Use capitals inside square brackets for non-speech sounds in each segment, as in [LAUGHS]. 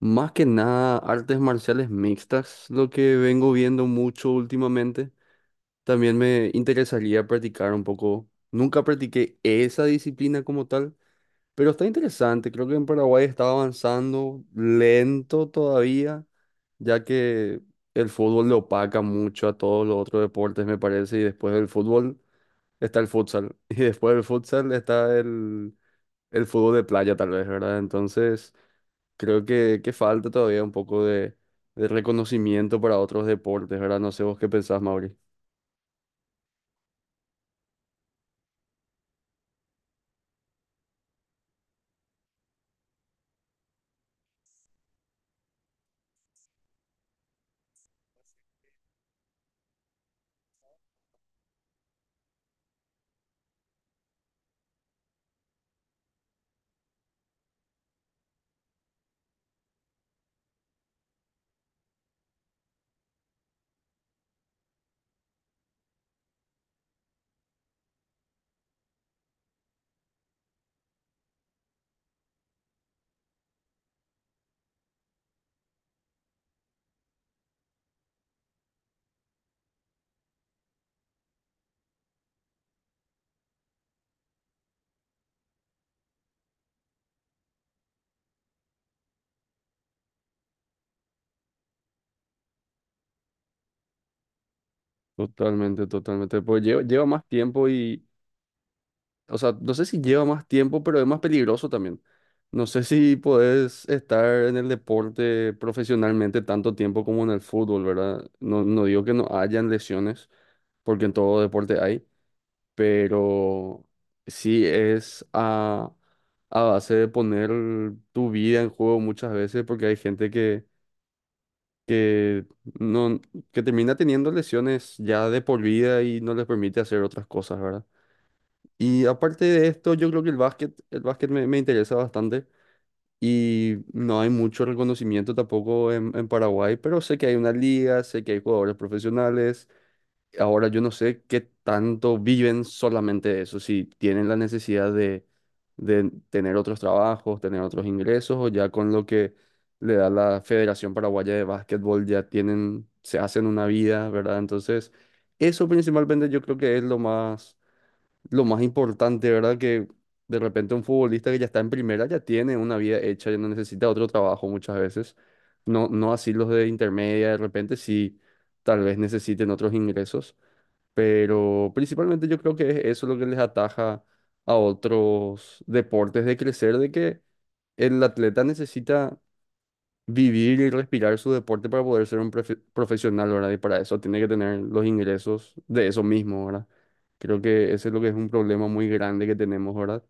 Más que nada, artes marciales mixtas, lo que vengo viendo mucho últimamente. También me interesaría practicar un poco. Nunca practiqué esa disciplina como tal, pero está interesante. Creo que en Paraguay está avanzando lento todavía, ya que el fútbol le opaca mucho a todos los otros deportes, me parece. Y después del fútbol está el futsal. [LAUGHS] Y después del futsal está el fútbol de playa, tal vez, ¿verdad? Entonces… Creo que falta todavía un poco de reconocimiento para otros deportes, ¿verdad? No sé vos qué pensás, Mauri. Totalmente, totalmente. Pues lleva más tiempo y, o sea, no sé si lleva más tiempo, pero es más peligroso también. No sé si podés estar en el deporte profesionalmente tanto tiempo como en el fútbol, ¿verdad? No, no digo que no hayan lesiones, porque en todo deporte hay, pero sí es a base de poner tu vida en juego muchas veces porque hay gente que, no, que termina teniendo lesiones ya de por vida y no les permite hacer otras cosas, ¿verdad? Y aparte de esto, yo creo que el básquet me interesa bastante y no hay mucho reconocimiento tampoco en Paraguay, pero sé que hay una liga, sé que hay jugadores profesionales. Ahora yo no sé qué tanto viven solamente de eso, si tienen la necesidad de tener otros trabajos, tener otros ingresos, o ya con lo que le da la Federación Paraguaya de Básquetbol ya tienen, se hacen una vida, ¿verdad? Entonces, eso principalmente yo creo que es lo más importante, ¿verdad? Que de repente un futbolista que ya está en primera ya tiene una vida hecha, ya no necesita otro trabajo muchas veces. No, no así los de intermedia, de repente sí, tal vez necesiten otros ingresos. Pero principalmente yo creo que es eso lo que les ataja a otros deportes de crecer, de que el atleta necesita vivir y respirar su deporte para poder ser un profesional, ¿verdad? Y para eso tiene que tener los ingresos de eso mismo, ¿verdad? Creo que ese es lo que es un problema muy grande que tenemos, ¿verdad?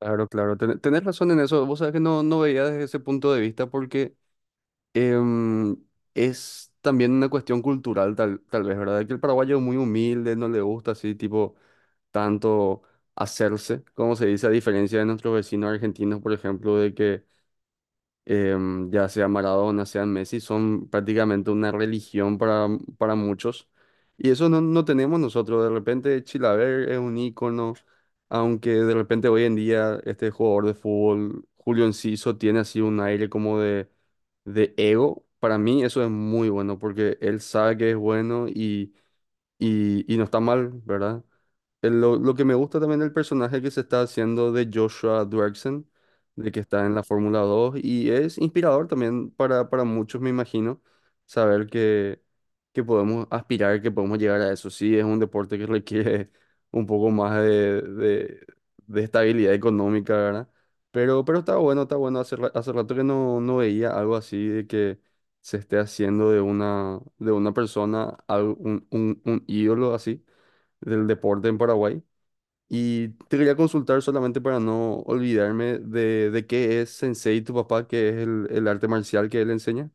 Claro, claro, tenés razón en eso. Vos sabés que no, no veía desde ese punto de vista porque em, es también una cuestión cultural, tal vez, ¿verdad? Que el paraguayo es muy humilde, no le gusta así, tipo tanto hacerse, como se dice, a diferencia de nuestros vecinos argentinos, por ejemplo, de que ya sea Maradona, sea Messi, son prácticamente una religión para muchos. Y eso no, no tenemos nosotros. De repente Chilaver es un ícono, aunque de repente hoy en día este jugador de fútbol, Julio Enciso, tiene así un aire como de ego. Para mí eso es muy bueno porque él sabe que es bueno y no está mal, ¿verdad? Lo que me gusta también del personaje que se está haciendo de Joshua Duerksen, de que está en la Fórmula 2 y es inspirador también para muchos, me imagino, saber que podemos aspirar, que podemos llegar a eso. Sí, es un deporte que requiere [LAUGHS] un poco más de estabilidad económica, ¿verdad? Pero está bueno, está bueno. Hace rato que no, no veía algo así de que se esté haciendo de una persona un ídolo así del deporte en Paraguay. Y te quería consultar solamente para no olvidarme de qué es Sensei, tu papá, que es el arte marcial que él enseña,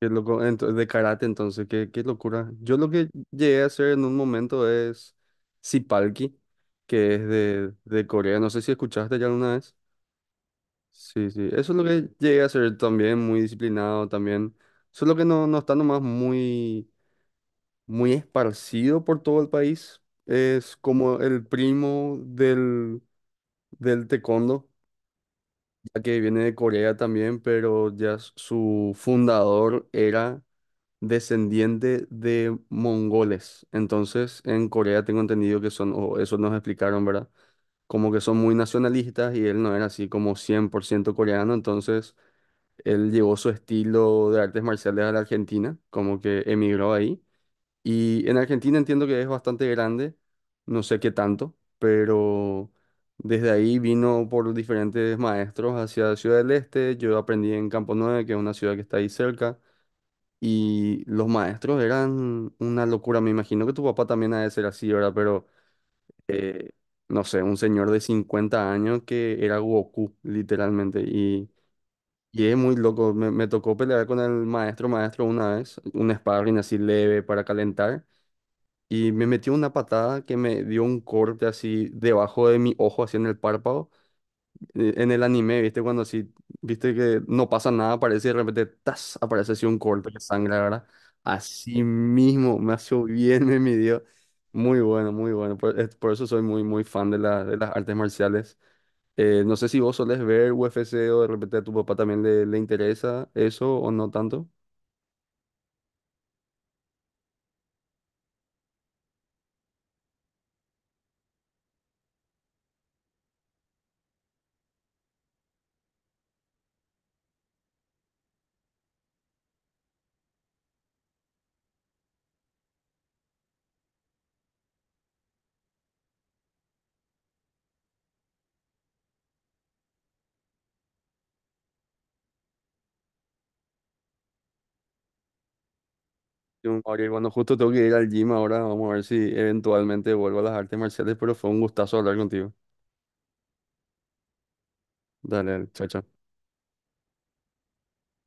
que es loco, de karate, entonces, qué, qué locura. Yo lo que llegué a hacer en un momento es Sipalki, que es de Corea, no sé si escuchaste ya alguna vez. Sí, sí, eso es lo que llegué a hacer también, muy disciplinado también, solo que no, no está nomás muy muy esparcido por todo el país. Es como el primo del taekwondo, ya que viene de Corea también, pero ya su fundador era descendiente de mongoles. Entonces, en Corea tengo entendido que son, o eso nos explicaron, ¿verdad? Como que son muy nacionalistas y él no era así como 100% coreano, entonces él llevó su estilo de artes marciales a la Argentina, como que emigró ahí. Y en Argentina entiendo que es bastante grande, no sé qué tanto, pero desde ahí vino por diferentes maestros hacia Ciudad del Este. Yo aprendí en Campo 9, que es una ciudad que está ahí cerca, y los maestros eran una locura. Me imagino que tu papá también ha de ser así, ¿verdad? Pero eh, no sé, un señor de 50 años que era Goku, literalmente, y. Y es muy loco, me tocó pelear con el maestro una vez, un sparring así leve para calentar, y me metió una patada que me dio un corte así debajo de mi ojo, así en el párpado. En el anime, ¿viste? Cuando así, viste que no pasa nada, aparece y de repente, ¡tas!, aparece así un corte de sangre, ¿verdad? Así mismo, me hizo bien, [LAUGHS] me midió. Muy bueno, muy bueno. Por eso soy muy, muy fan de las artes marciales. No sé si vos solés ver UFC o de repente a tu papá también le interesa eso o no tanto. Jun, Ariel, bueno, justo tengo que ir al gym ahora. Vamos a ver si eventualmente vuelvo a las artes marciales, pero fue un gustazo hablar contigo. Dale, dale, chao, chao.